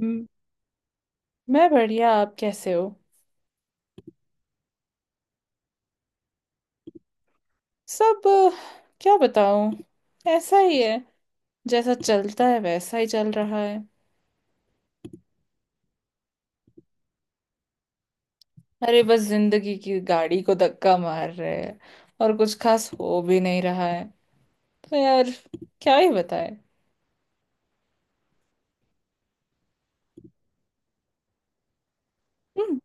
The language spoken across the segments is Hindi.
हम्म। मैं बढ़िया। आप कैसे हो। सब क्या बताऊं। ऐसा ही है, जैसा चलता है वैसा ही चल रहा है। अरे बस जिंदगी की गाड़ी को धक्का मार रहे हैं। और कुछ खास हो भी नहीं रहा है, तो यार क्या ही बताए। हम्म।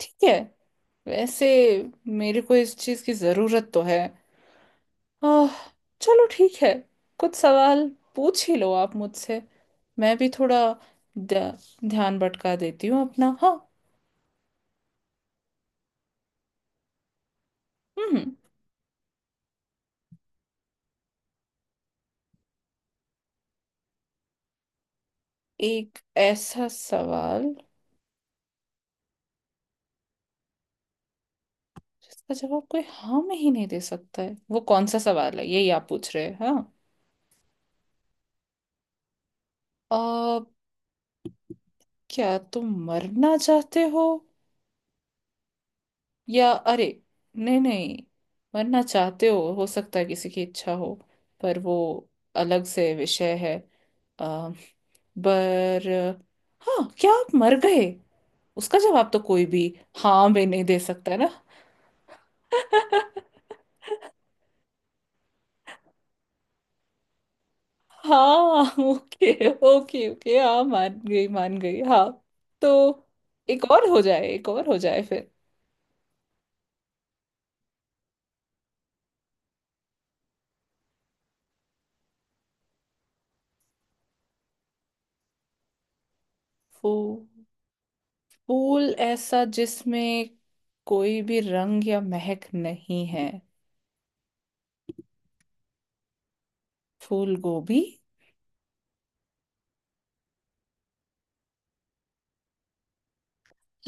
ठीक है। वैसे मेरे को इस चीज की जरूरत तो है। आह चलो ठीक है। कुछ सवाल पूछ ही लो आप मुझसे। मैं भी थोड़ा ध्यान भटका देती हूँ अपना, हाँ। हम्म। एक ऐसा सवाल जिसका जवाब कोई हाँ में ही नहीं दे सकता है, वो कौन सा सवाल है, यही आप पूछ रहे हैं, हाँ। आ, क्या तुम मरना चाहते हो? या अरे नहीं नहीं। मरना चाहते हो सकता है किसी की इच्छा हो, पर वो अलग से विषय है। आ, पर हाँ, क्या आप मर गए, उसका जवाब तो कोई भी हाँ में नहीं दे सकता है ना। हाँ ओके ओके ओके, हाँ मान गई मान गई, हाँ। तो एक और हो जाए, एक और हो जाए फिर। फूल फूल ऐसा जिसमें कोई भी रंग या महक नहीं है? फूल गोभी।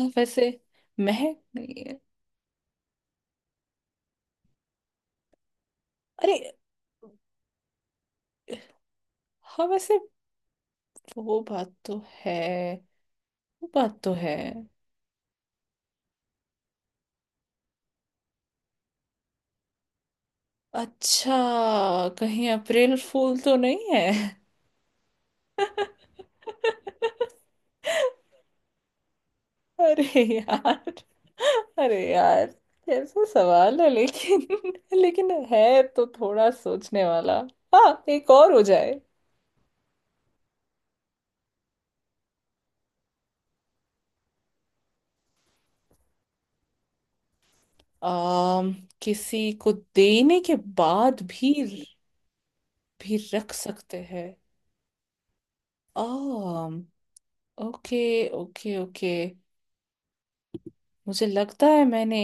हाँ, वैसे महक नहीं है। अरे हाँ, वैसे वो बात तो है, वो बात तो है। अच्छा, कहीं अप्रैल फूल तो नहीं है? अरे यार, अरे यार, कैसा सवाल है लेकिन लेकिन है तो थोड़ा सोचने वाला। हाँ, एक और हो जाए। आम। किसी को देने के बाद भी रख सकते हैं। आम। ओके ओके ओके, मुझे लगता है मैंने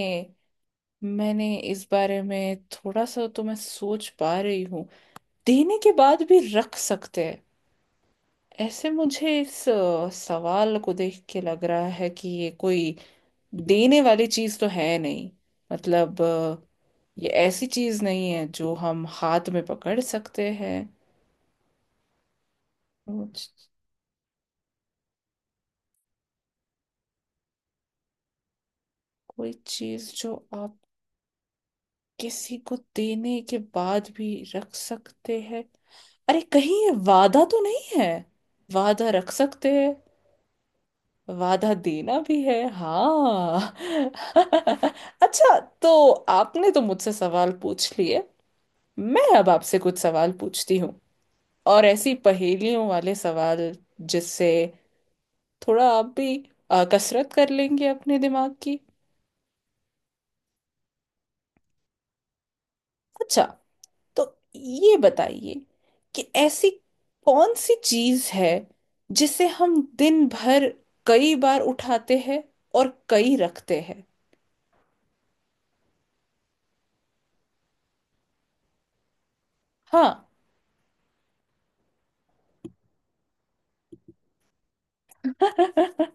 मैंने इस बारे में थोड़ा सा तो मैं सोच पा रही हूँ। देने के बाद भी रख सकते हैं। ऐसे मुझे इस सवाल को देख के लग रहा है कि ये कोई देने वाली चीज तो है नहीं। मतलब ये ऐसी चीज नहीं है जो हम हाथ में पकड़ सकते हैं। कुछ- कोई चीज जो आप किसी को देने के बाद भी रख सकते हैं। अरे, कहीं ये वादा तो नहीं है? वादा रख सकते हैं, वादा देना भी है, हाँ अच्छा, तो आपने तो मुझसे सवाल पूछ लिए, मैं अब आपसे कुछ सवाल पूछती हूँ। और ऐसी पहेलियों वाले सवाल, जिससे थोड़ा आप भी कसरत कर लेंगे अपने दिमाग की। अच्छा, तो ये बताइए कि ऐसी कौन सी चीज है जिसे हम दिन भर कई बार उठाते हैं और कई रखते हैं। हाँ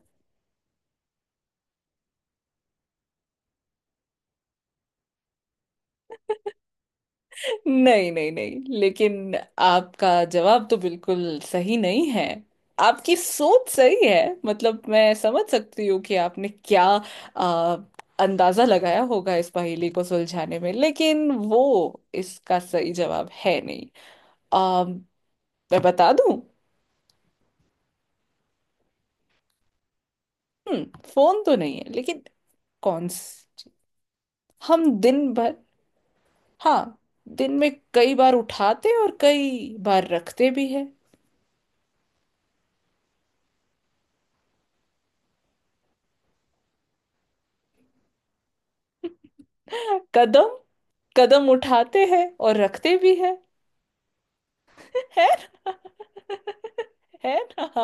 नहीं नहीं नहीं, लेकिन आपका जवाब तो बिल्कुल सही नहीं है। आपकी सोच सही है। मतलब मैं समझ सकती हूँ कि आपने क्या आ, अंदाजा लगाया होगा इस पहेली को सुलझाने में, लेकिन वो इसका सही जवाब है नहीं। आ, मैं बता दूं। हम्म, फोन तो नहीं है लेकिन। कौन स- हम दिन भर, हाँ, दिन में कई बार उठाते और कई बार रखते भी है। कदम। कदम उठाते हैं और रखते भी हैं, है ना? है ना?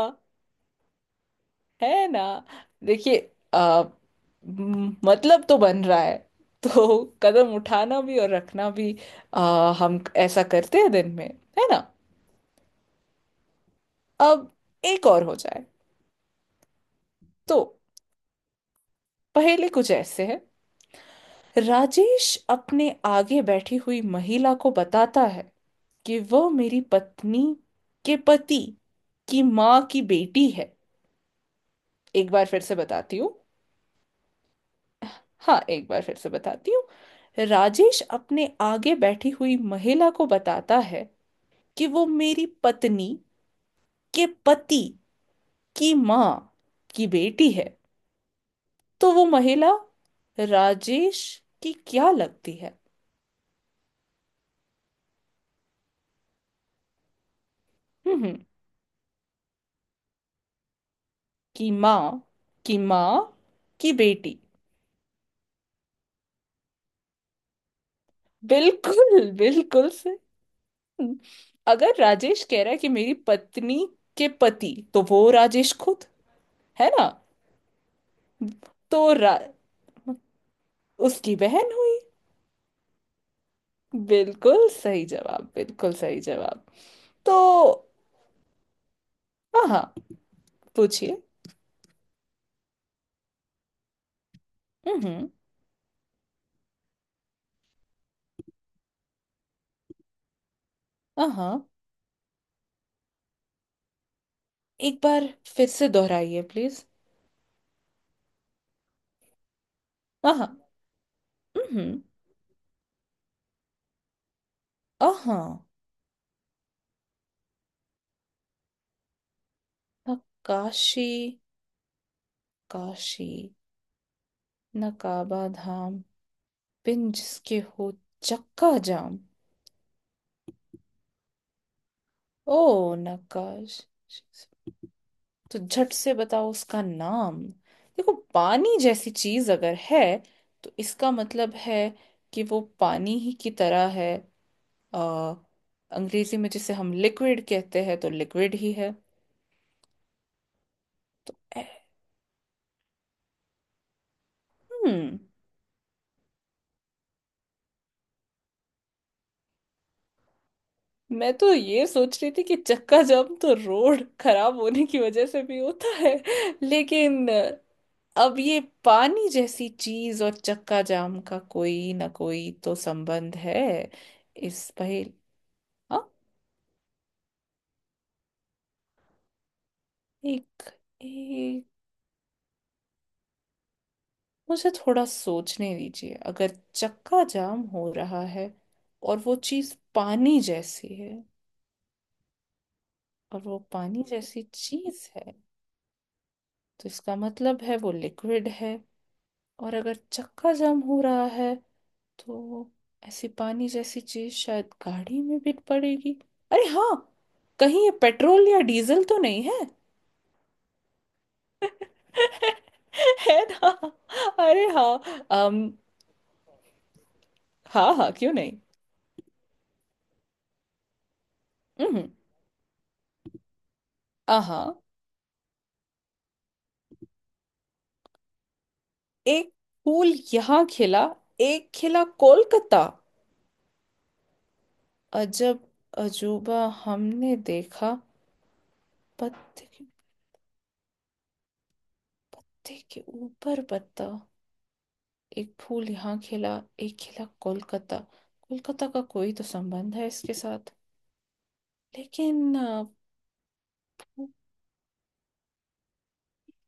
है ना? देखिए, मतलब तो बन रहा है। तो कदम उठाना भी और रखना भी, हम ऐसा करते हैं दिन में, है ना? अब एक और हो जाए। तो पहेली कुछ ऐसे है। राजेश अपने आगे बैठी हुई महिला को बताता है कि वह मेरी पत्नी के पति की माँ की बेटी है। एक बार फिर से बताती हूँ। हाँ, एक बार फिर से बताती हूँ। राजेश अपने आगे बैठी हुई महिला को बताता है कि वो मेरी पत्नी के पति की माँ की बेटी है। तो वो महिला राजेश की क्या लगती है? हम्म, की माँ, की माँ की बेटी। बिल्कुल बिल्कुल से। अगर राजेश कह रहा है कि मेरी पत्नी के पति, तो वो राजेश खुद है ना। तो उसकी बहन हुई। बिल्कुल सही जवाब, बिल्कुल सही जवाब। तो हाँ, पूछिए। हम्म। हाँ, एक बार फिर से दोहराइए प्लीज। हाँ। हम्म। हाँ। नकाशी, काशी। नकाबा धाम। बिन जिसके हो चक्का जाम। ओ, नकाश। तो झट से बताओ उसका नाम। देखो, पानी जैसी चीज अगर है, तो इसका मतलब है कि वो पानी ही की तरह है। अ, अंग्रेजी में जिसे हम लिक्विड कहते हैं, तो लिक्विड ही है। हम्म, मैं तो ये सोच रही थी कि चक्का जाम तो रोड खराब होने की वजह से भी होता है, लेकिन। अब ये पानी जैसी चीज और चक्का जाम का कोई ना कोई तो संबंध है। इस पहेली। एक एक मुझे थोड़ा सोचने दीजिए। अगर चक्का जाम हो रहा है और वो चीज पानी जैसी है, और वो पानी जैसी चीज है, तो इसका मतलब है वो लिक्विड है। और अगर चक्का जाम हो रहा है, तो ऐसी पानी जैसी चीज शायद गाड़ी में भी पड़ेगी। अरे हाँ, कहीं ये पेट्रोल या डीजल तो नहीं है? है ना? अरे हाँ, अम हाँ हाँ, क्यों नहीं। हम्म। आहा। एक फूल यहाँ खिला, एक खिला कोलकाता। अजब अजूबा हमने देखा, पत्ते के पत्ते के ऊपर पत्ता। एक फूल यहाँ खिला, एक खिला कोलकाता। कोलकाता का कोई तो संबंध है इसके साथ, लेकिन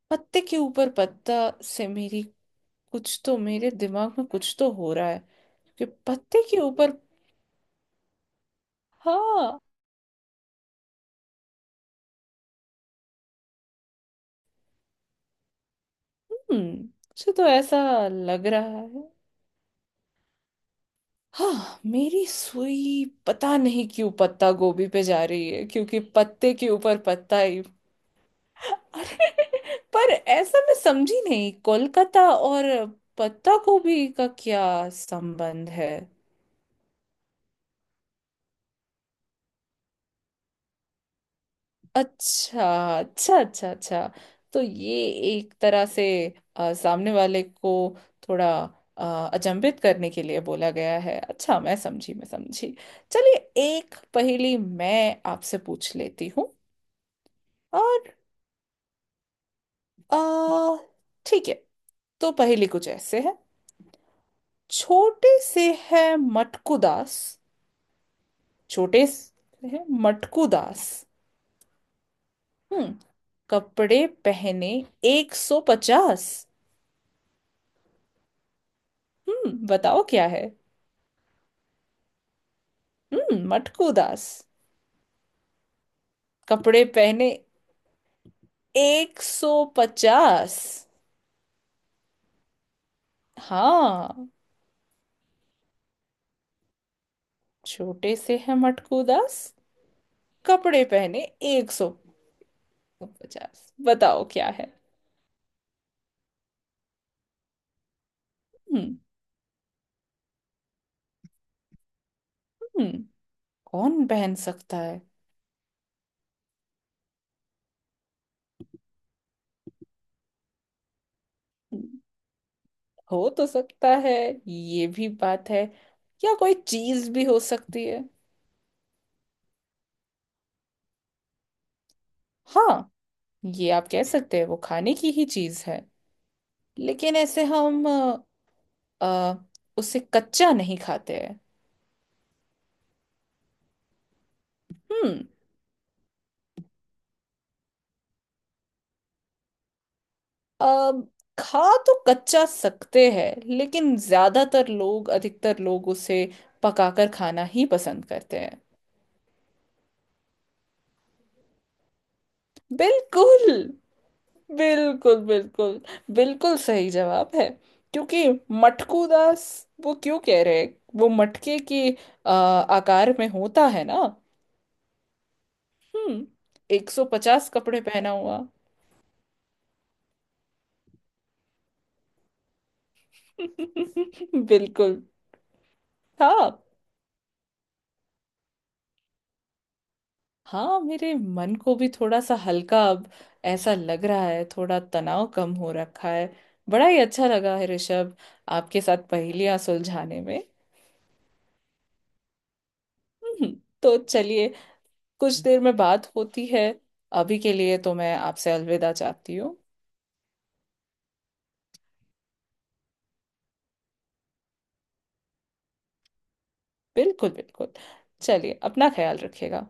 पत्ते के ऊपर पत्ता से मेरी। कुछ तो मेरे दिमाग में कुछ तो हो रहा है कि पत्ते के ऊपर। हाँ। हम्म, मुझे तो ऐसा लग रहा है। हाँ, मेरी सुई पता नहीं क्यों पत्ता गोभी पे जा रही है, क्योंकि पत्ते के ऊपर पत्ता ही। अरे पर ऐसा मैं समझी नहीं, कोलकाता और पत्ता गोभी का क्या संबंध है? अच्छा अच्छा अच्छा। अच्छा, तो ये एक तरह से सामने वाले को थोड़ा अचंभित करने के लिए बोला गया है। अच्छा, मैं समझी, मैं समझी। चलिए, एक पहेली मैं आपसे पूछ लेती हूँ। और आ ठीक है। तो पहेली कुछ ऐसे है। छोटे से है मटकू दास, छोटे से है मटकू दास। हम्म, कपड़े पहने 150। हम्म, बताओ क्या है। हम्म, मटकू दास, कपड़े पहने एक सौ पचास। हाँ। छोटे से है मटकू दास, कपड़े पहने एक सौ पचास। बताओ क्या है। हम्म हम्म, कौन पहन सकता है? हो तो सकता है, ये भी बात है, या कोई चीज भी हो सकती है। हाँ, ये आप कह सकते हैं, वो खाने की ही चीज है, लेकिन ऐसे हम अ, उसे कच्चा नहीं खाते हैं। हम्म। अ, खा तो कच्चा सकते हैं, लेकिन ज्यादातर लोग, अधिकतर लोग उसे पकाकर खाना ही पसंद करते हैं। बिल्कुल बिल्कुल बिल्कुल। बिल्कुल सही जवाब है, क्योंकि मटकू दास वो क्यों कह रहे हैं? वो मटके के आकार में होता है ना। हम्म। 150 कपड़े पहना हुआ बिल्कुल। हाँ हाँ, मेरे मन को भी थोड़ा सा हल्का अब ऐसा लग रहा है, थोड़ा तनाव कम हो रखा है। बड़ा ही अच्छा लगा है ऋषभ, आपके साथ पहेलियां सुलझाने में। हम्म, तो चलिए, कुछ देर में बात होती है। अभी के लिए तो मैं आपसे अलविदा चाहती हूँ। बिल्कुल बिल्कुल। चलिए, अपना ख्याल रखिएगा।